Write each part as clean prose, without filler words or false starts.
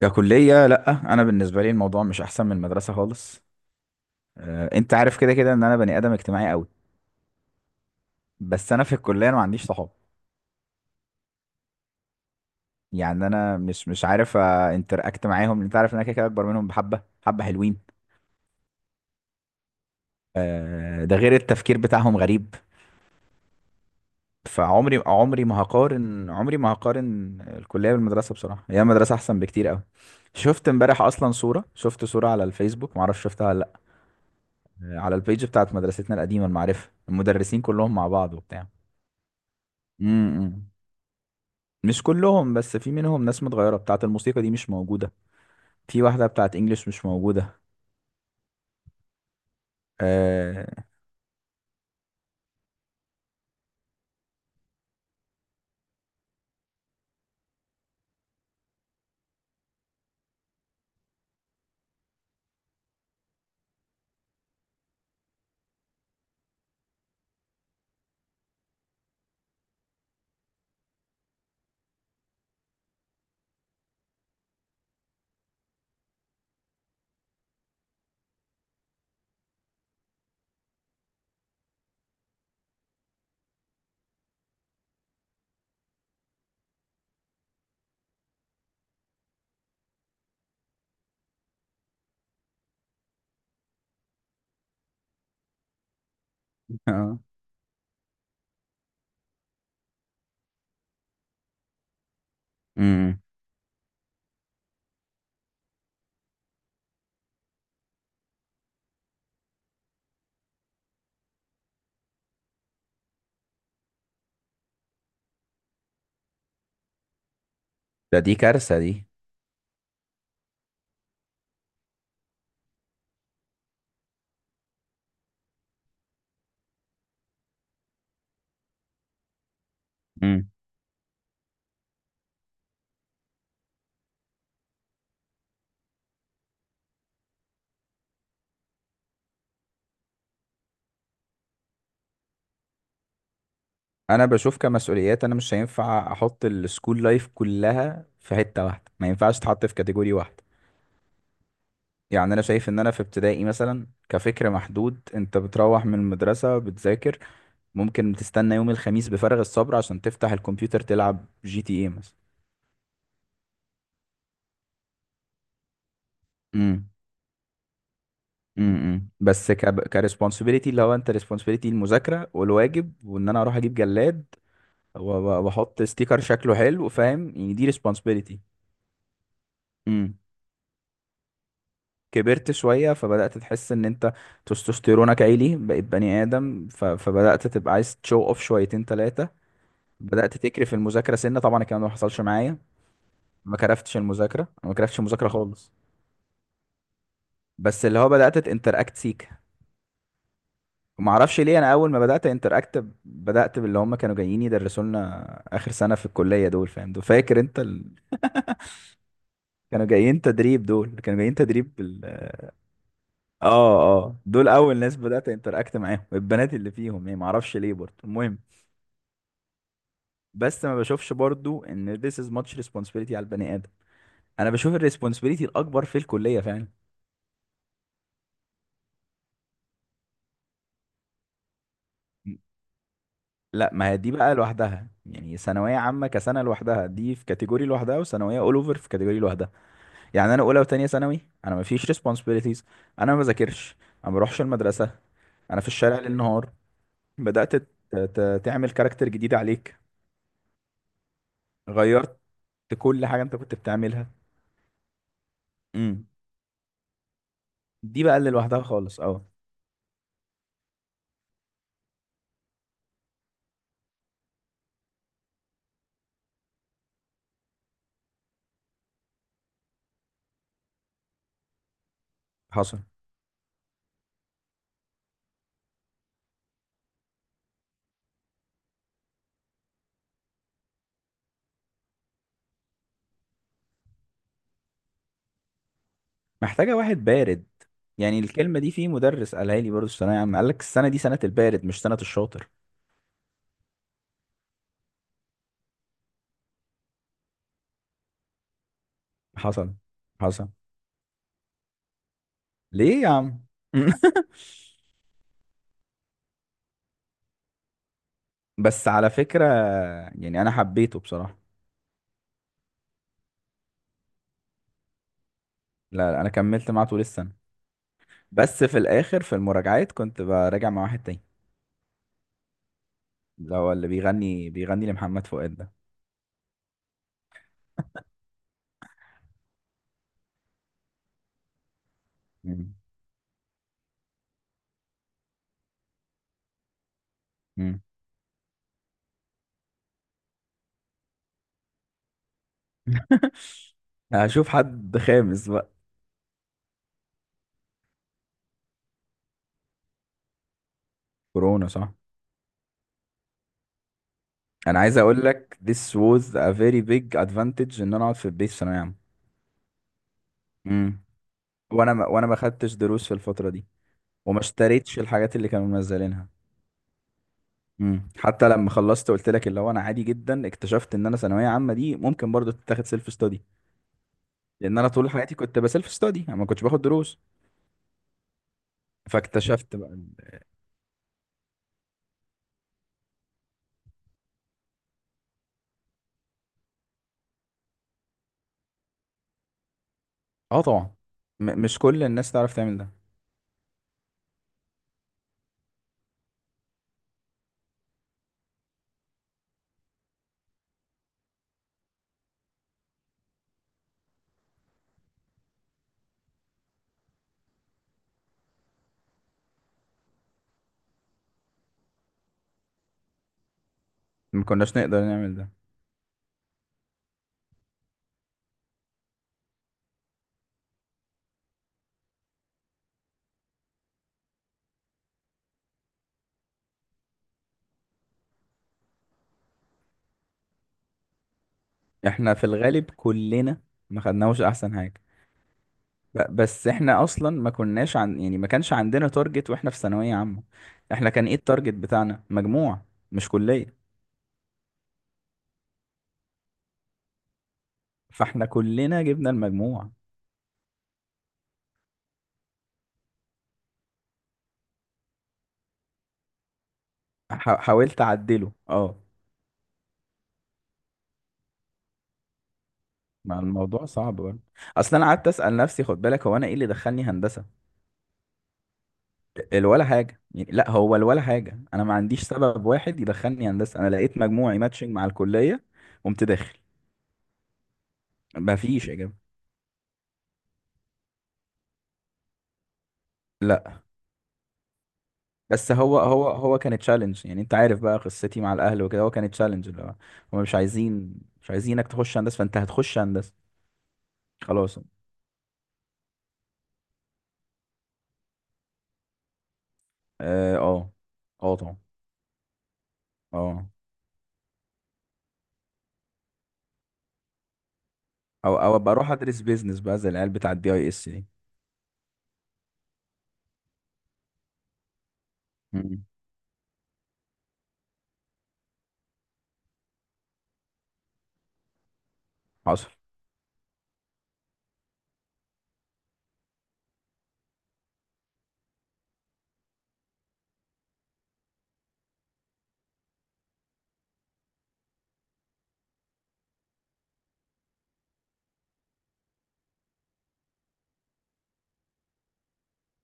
ككلية لأ، أنا بالنسبة لي الموضوع مش أحسن من المدرسة خالص. أنت عارف كده كده إن أنا بني آدم اجتماعي أوي. بس أنا في الكلية أنا ما عنديش صحاب. يعني أنا مش عارف انتراكت معاهم، أنت عارف إن أنا كده كده أكبر منهم بحبة حبة حلوين. ده غير التفكير بتاعهم غريب. فعمري عمري ما هقارن عمري ما هقارن الكلية بالمدرسة، بصراحة هي المدرسة أحسن بكتير أوي. شفت امبارح أصلا صورة، شفت صورة على الفيسبوك، معرفش شفتها ولا لأ. على البيج بتاعت مدرستنا القديمة المعرفة المدرسين كلهم مع بعض وبتاع. امم، مش كلهم، بس في منهم ناس متغيرة، بتاعة الموسيقى دي مش موجودة، في واحدة بتاعة انجلش مش موجودة. آه... آه. امم. دي كارثة دي. امم انا بشوف كمسؤوليات، انا مش هينفع احط السكول لايف كلها في حتة واحدة، ما ينفعش تحط في كاتيجوري واحدة. يعني انا شايف ان انا في ابتدائي مثلا كفكر محدود، انت بتروح من المدرسة بتذاكر، ممكن تستنى يوم الخميس بفارغ الصبر عشان تفتح الكمبيوتر تلعب GTA مثلا. امم بس كريسبونسبيلتي، اللي هو انت ريسبونسبيلتي المذاكره والواجب، وان انا اروح اجيب جلاد واحط ستيكر شكله حلو، فاهم؟ يعني دي ريسبونسبيلتي. امم كبرت شويه فبدات تحس ان انت تستوستيرونك عالي، بقيت بني ادم، فبدات تبقى عايز تشو اوف شويتين ثلاثه، بدات تكرف المذاكره سنه. طبعا الكلام ده ما حصلش معايا، ما كرفتش المذاكره أنا ما كرفتش المذاكره خالص، بس اللي هو بدات تنتراكت سيك. ما اعرفش ليه، انا اول ما بدات انتراكت بدات باللي هم كانوا جايين يدرسوا لنا اخر سنه في الكليه دول، فاهم؟ دول فاكر انت كانوا جايين تدريب، دول كانوا جايين تدريب اه، اه، دول اول ناس بدات انتراكت معاهم، البنات اللي فيهم يعني، ما اعرفش ليه برضه، المهم. بس ما بشوفش برضه ان this is much responsibility على البني ادم، انا بشوف الريسبونسبيلتي الاكبر في الكليه فعلا. لا، ما هي دي بقى لوحدها، يعني ثانويه عامه كسنه لوحدها دي في كاتيجوري لوحدها، وثانويه اول اوفر في كاتيجوري لوحدها. يعني انا اولى وتانية ثانوي انا ما فيش responsibilities، انا ما بذاكرش، انا ما بروحش المدرسه، انا في الشارع ليل نهار. بدات تعمل كاركتر جديد عليك، غيرت كل حاجه انت كنت بتعملها. امم دي بقى اللي لوحدها خالص، اه. حصل، محتاجه واحد بارد. يعني الكلمه دي في مدرس قالها لي برضه في الثانويه عامه، قال لك السنه دي سنه البارد مش سنه الشاطر. حصل. حصل. ليه يا عم؟ بس على فكره، يعني انا حبيته بصراحه. لا، لا، انا كملت معاه طول السنه، بس في الاخر في المراجعات كنت براجع مع واحد تاني، اللي هو اللي بيغني بيغني لمحمد فؤاد ده. مم. مم. هشوف حد خامس بقى. كورونا، صح. انا عايز اقول لك this was a very big advantage ان انا اقعد في البيت في ثانويه عامه. مم. وانا ما خدتش دروس في الفتره دي، وما اشتريتش الحاجات اللي كانوا منزلينها. مم. حتى لما خلصت قلت لك اللي هو انا عادي جدا اكتشفت ان انا ثانويه عامه دي ممكن برضو تتاخد سيلف ستادي، لان انا طول حياتي كنت بسيلف ستادي، انا ما كنتش باخد دروس. فاكتشفت بقى اه طبعا، مش كل الناس تعرف تعمل ده، ما كناش نقدر نعمل ده. احنا في الغالب كلنا ما خدناهوش احسن حاجة، بس احنا اصلا ما كناش عن يعني ما كانش عندنا تارجت واحنا في ثانوية عامة. احنا كان ايه التارجت بتاعنا؟ مجموع، مش كلية. فاحنا كلنا جبنا المجموع. حاولت اعدله، اه. مع الموضوع صعب برضه، اصل انا قعدت اسال نفسي، خد بالك، هو انا ايه اللي دخلني هندسة؟ الولا حاجة، يعني لا، هو الولا حاجة. أنا ما عنديش سبب واحد يدخلني هندسة، أنا لقيت مجموعي ماتشنج مع الكلية قمت داخل. ما فيش إجابة. لا، بس هو كان تشالنج، يعني أنت عارف بقى قصتي مع الأهل وكده، هو كان تشالنج اللي هو هما مش عايزينك تخش هندسة فأنت هتخش هندسة. خلاص، أه، أه، أه، طبعا، أه. أو أبقى أروح أدرس بيزنس بقى زي العيال بتاع الـDISD. مم. حصل.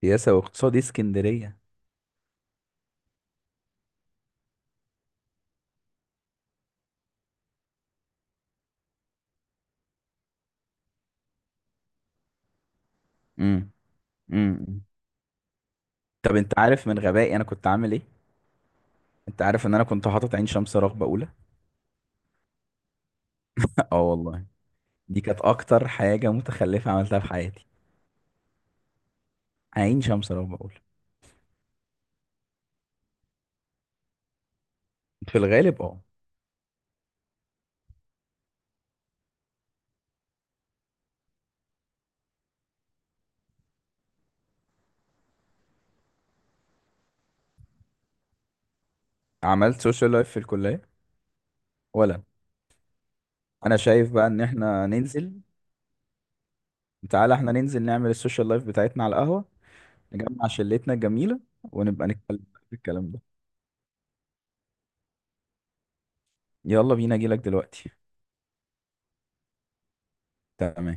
سياسة واقتصاد إيه اسكندرية؟ مم. مم. طب أنت عارف من غبائي أنا كنت عامل إيه؟ انت عارف ان انا كنت حاطط عين شمس رغبة اولى. اه والله. دي كانت اكتر حاجة متخلفة عملتها في حياتي، عين شمس رغبة اولى. في الغالب اه. عملت سوشيال لايف في الكلية ولا؟ انا شايف بقى ان احنا ننزل، تعالى احنا ننزل نعمل السوشيال لايف بتاعتنا على القهوة، نجمع شلتنا الجميلة ونبقى نتكلم في الكلام ده. يلا بينا، اجيلك دلوقتي. تمام